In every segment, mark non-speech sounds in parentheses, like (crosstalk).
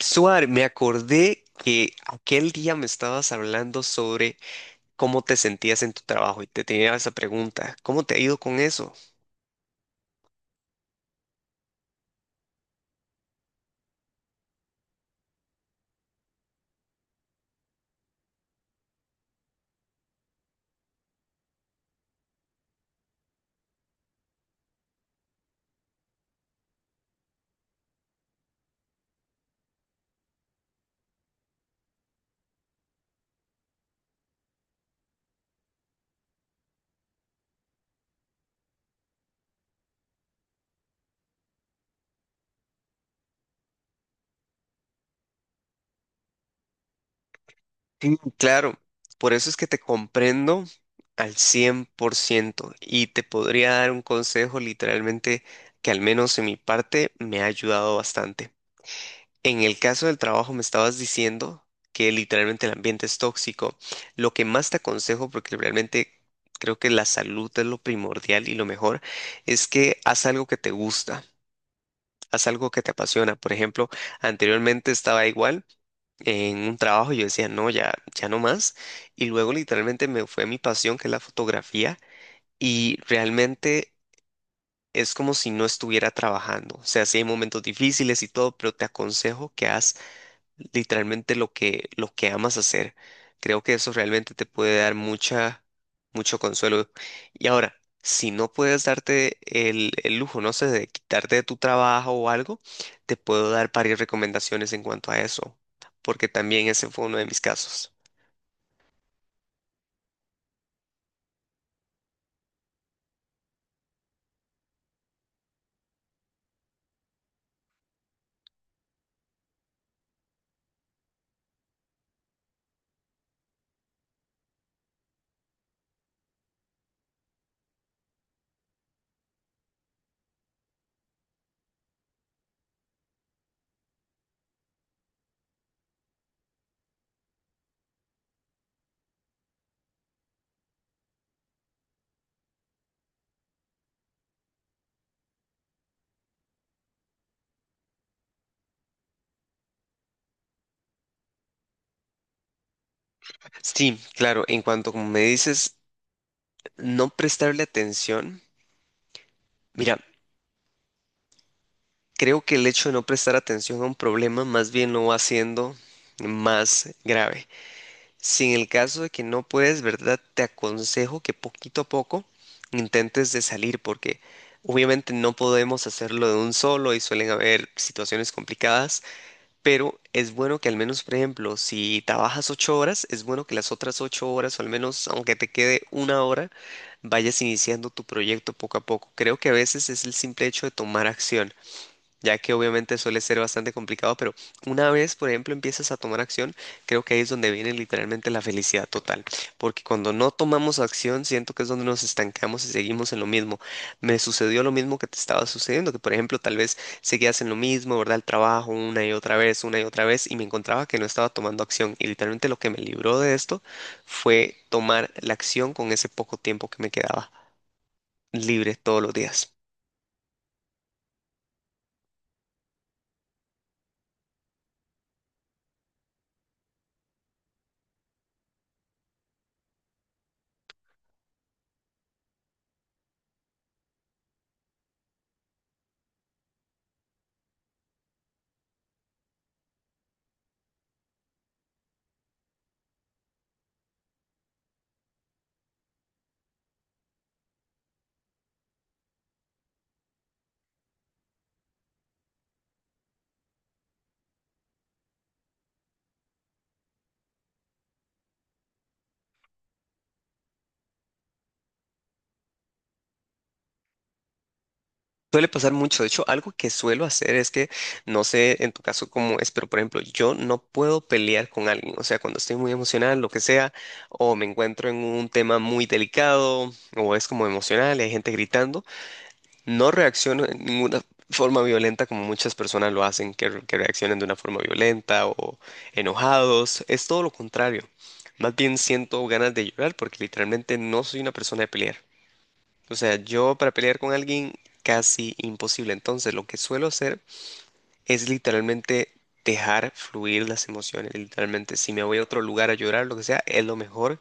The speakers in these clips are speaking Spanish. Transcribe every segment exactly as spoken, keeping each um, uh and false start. Suar, me acordé que aquel día me estabas hablando sobre cómo te sentías en tu trabajo y te tenía esa pregunta, ¿cómo te ha ido con eso? Sí, claro, por eso es que te comprendo al cien por ciento y te podría dar un consejo literalmente que al menos en mi parte me ha ayudado bastante. En el caso del trabajo me estabas diciendo que literalmente el ambiente es tóxico. Lo que más te aconsejo, porque realmente creo que la salud es lo primordial y lo mejor, es que haz algo que te gusta, haz algo que te apasiona. Por ejemplo, anteriormente estaba igual en un trabajo, yo decía, no, ya, ya no más. Y luego literalmente me fue mi pasión, que es la fotografía, y realmente... Es como si no estuviera trabajando. O sea, sí hay momentos difíciles y todo, pero te aconsejo que hagas literalmente lo que, lo que amas hacer. Creo que eso realmente te puede dar mucha, mucho consuelo. Y ahora, si no puedes darte el, el lujo, no sé, de quitarte de tu trabajo o algo, te puedo dar varias recomendaciones en cuanto a eso, porque también ese fue uno de mis casos. Sí, claro, en cuanto como me dices, no prestarle atención, mira, creo que el hecho de no prestar atención a un problema más bien lo va haciendo más grave. Si en el caso de que no puedes, ¿verdad? Te aconsejo que poquito a poco intentes de salir porque obviamente no podemos hacerlo de un solo y suelen haber situaciones complicadas, pero es bueno que al menos, por ejemplo, si trabajas ocho horas, es bueno que las otras ocho horas o al menos aunque te quede una hora, vayas iniciando tu proyecto poco a poco. Creo que a veces es el simple hecho de tomar acción ya que obviamente suele ser bastante complicado, pero una vez, por ejemplo, empiezas a tomar acción, creo que ahí es donde viene literalmente la felicidad total, porque cuando no tomamos acción, siento que es donde nos estancamos y seguimos en lo mismo. Me sucedió lo mismo que te estaba sucediendo, que por ejemplo, tal vez seguías en lo mismo, ¿verdad? El trabajo una y otra vez, una y otra vez, y me encontraba que no estaba tomando acción, y literalmente lo que me libró de esto fue tomar la acción con ese poco tiempo que me quedaba libre todos los días. Suele pasar mucho. De hecho, algo que suelo hacer es que, no sé en tu caso cómo es, pero por ejemplo, yo no puedo pelear con alguien. O sea, cuando estoy muy emocional, lo que sea, o me encuentro en un tema muy delicado, o es como emocional y hay gente gritando, no reacciono en ninguna forma violenta como muchas personas lo hacen, que, re- que reaccionan de una forma violenta o enojados. Es todo lo contrario. Más bien siento ganas de llorar porque literalmente no soy una persona de pelear. O sea, yo para pelear con alguien casi imposible. Entonces, lo que suelo hacer es literalmente dejar fluir las emociones. Literalmente, si me voy a otro lugar a llorar, lo que sea, es lo mejor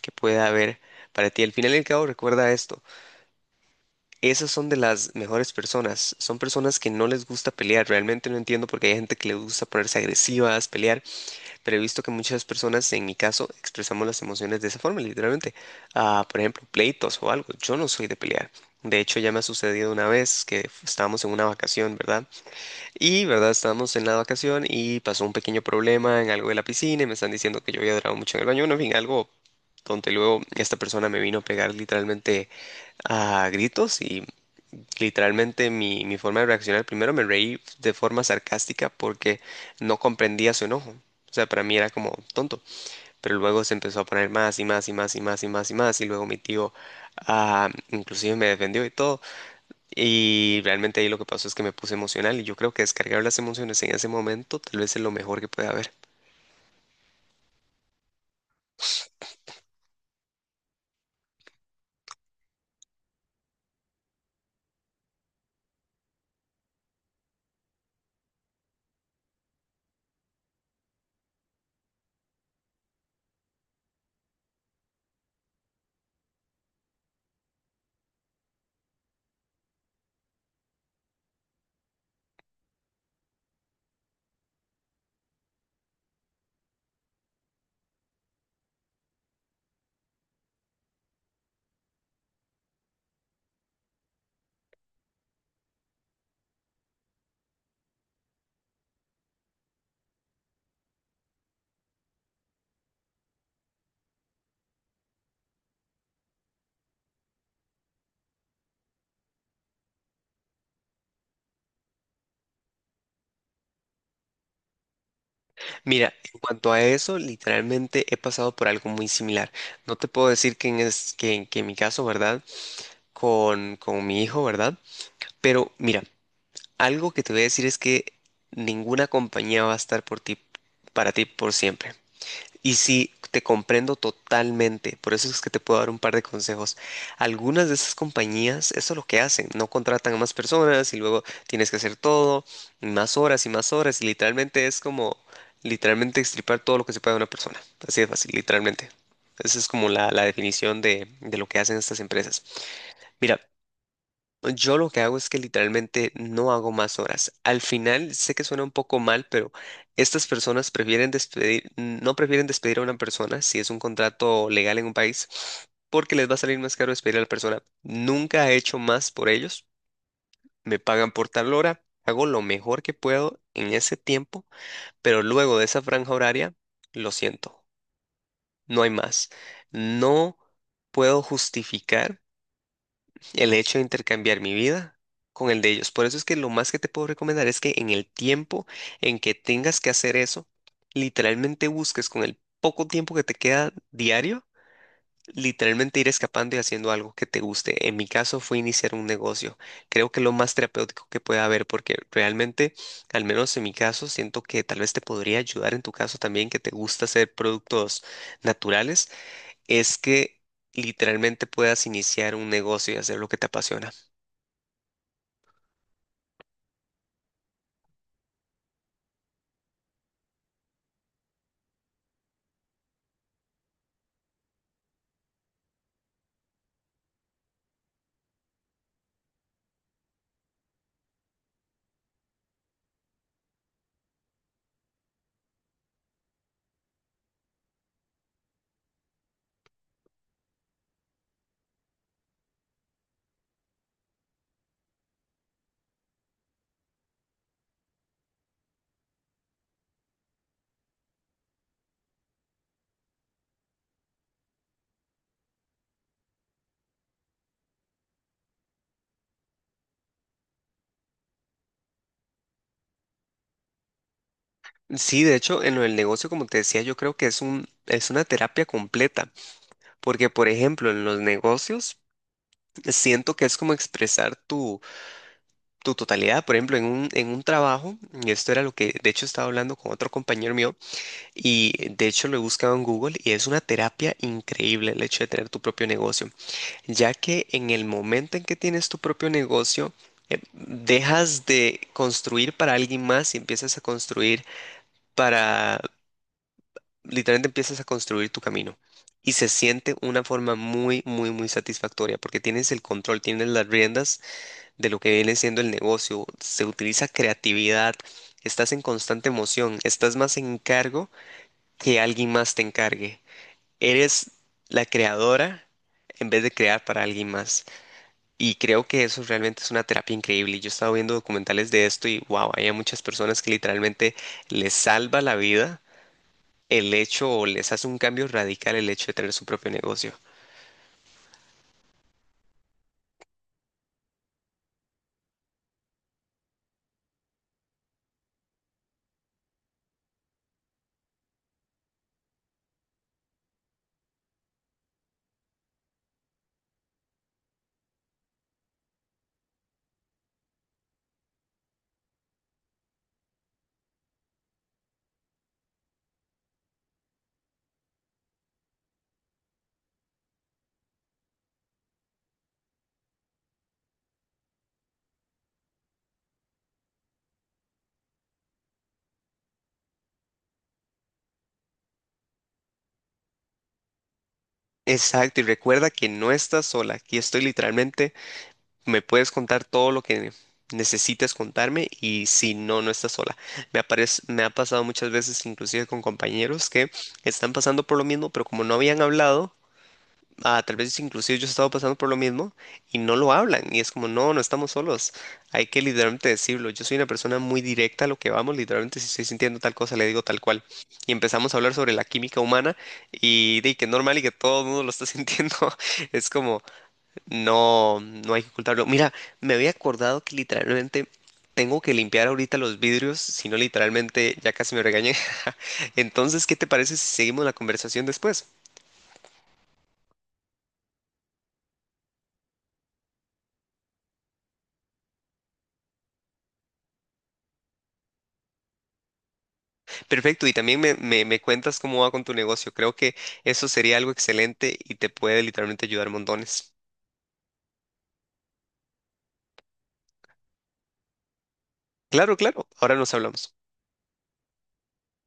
que pueda haber para ti. Al final y al cabo, recuerda esto. Esas son de las mejores personas. Son personas que no les gusta pelear. Realmente no entiendo por qué hay gente que le gusta ponerse agresivas, pelear. Pero he visto que muchas personas, en mi caso, expresamos las emociones de esa forma, literalmente. Ah, por ejemplo, pleitos o algo. Yo no soy de pelear. De hecho, ya me ha sucedido una vez que f- estábamos en una vacación, ¿verdad? Y, ¿verdad? Estábamos en la vacación y pasó un pequeño problema en algo de la piscina y me están diciendo que yo había durado mucho en el baño. Bueno, en fin, algo donde luego esta persona me vino a pegar literalmente a gritos y literalmente mi, mi forma de reaccionar, primero me reí de forma sarcástica porque no comprendía su enojo. O sea, para mí era como tonto. Pero luego se empezó a poner más y más y más y más y más y más. Y luego mi tío, ah, inclusive me defendió y todo. Y realmente ahí lo que pasó es que me puse emocional. Y yo creo que descargar las emociones en ese momento tal vez es lo mejor que puede haber. Mira, en cuanto a eso, literalmente he pasado por algo muy similar. No te puedo decir que en, es, que, en- que en mi caso, ¿verdad? con, con mi hijo, ¿verdad? Pero mira, algo que te voy a decir es que ninguna compañía va a estar por ti, para ti por siempre. Y sí, te comprendo totalmente, por eso es que te puedo dar un par de consejos. Algunas de esas compañías, eso es lo que hacen, no contratan a más personas y luego tienes que hacer todo, y más horas y más horas, y literalmente es como, literalmente extirpar todo lo que se puede de una persona, así de fácil, literalmente. Esa es como la, la definición de, de lo que hacen estas empresas. Mira, yo lo que hago es que literalmente no hago más horas. Al final, sé que suena un poco mal, pero estas personas prefieren despedir, no prefieren despedir a una persona si es un contrato legal en un país, porque les va a salir más caro despedir a la persona. Nunca he hecho más por ellos. Me pagan por tal hora, hago lo mejor que puedo en ese tiempo, pero luego de esa franja horaria, lo siento, no hay más. No puedo justificar el hecho de intercambiar mi vida con el de ellos. Por eso es que lo más que te puedo recomendar es que en el tiempo en que tengas que hacer eso, literalmente busques con el poco tiempo que te queda diario, literalmente ir escapando y haciendo algo que te guste. En mi caso fue iniciar un negocio. Creo que lo más terapéutico que puede haber porque realmente, al menos en mi caso, siento que tal vez te podría ayudar en tu caso también que te gusta hacer productos naturales, es que literalmente puedas iniciar un negocio y hacer lo que te apasiona. Sí, de hecho, en lo del negocio, como te decía, yo creo que es un, es una terapia completa, porque, por ejemplo, en los negocios siento que es como expresar tu, tu totalidad. Por ejemplo, en un, en un trabajo, y esto era lo que, de hecho, estaba hablando con otro compañero mío, y de hecho lo he buscado en Google, y es una terapia increíble el hecho de tener tu propio negocio, ya que en el momento en que tienes tu propio negocio, eh, dejas de construir para alguien más y empiezas a construir para, literalmente empiezas a construir tu camino. Y se siente una forma muy, muy, muy satisfactoria porque tienes el control, tienes las riendas de lo que viene siendo el negocio, se utiliza creatividad, estás en constante emoción, estás más en cargo que alguien más te encargue. Eres la creadora en vez de crear para alguien más. Y creo que eso realmente es una terapia increíble. Y Yo he estado viendo documentales de esto y wow, hay a muchas personas que literalmente les salva la vida el hecho o les hace un cambio radical el hecho de tener su propio negocio. Exacto, y recuerda que no estás sola. Aquí estoy literalmente, me puedes contar todo lo que necesites contarme y si no, no estás sola. Me aparece, me ha pasado muchas veces, inclusive con compañeros que están pasando por lo mismo, pero como no habían hablado, Ah, tal vez inclusive yo he estado pasando por lo mismo y no lo hablan y es como, no, no estamos solos, hay que literalmente decirlo. Yo soy una persona muy directa a lo que vamos, literalmente si estoy sintiendo tal cosa le digo tal cual. Y empezamos a hablar sobre la química humana y de que es normal y que todo el mundo lo está (laughs) sintiendo, es como, no, no hay que ocultarlo. Mira, me había acordado que literalmente tengo que limpiar ahorita los vidrios, si no literalmente ya casi me regañé. (laughs) Entonces, ¿qué te parece si seguimos la conversación después? Perfecto, y también me, me, me cuentas cómo va con tu negocio. Creo que eso sería algo excelente y te puede literalmente ayudar montones. Claro, claro, ahora nos hablamos.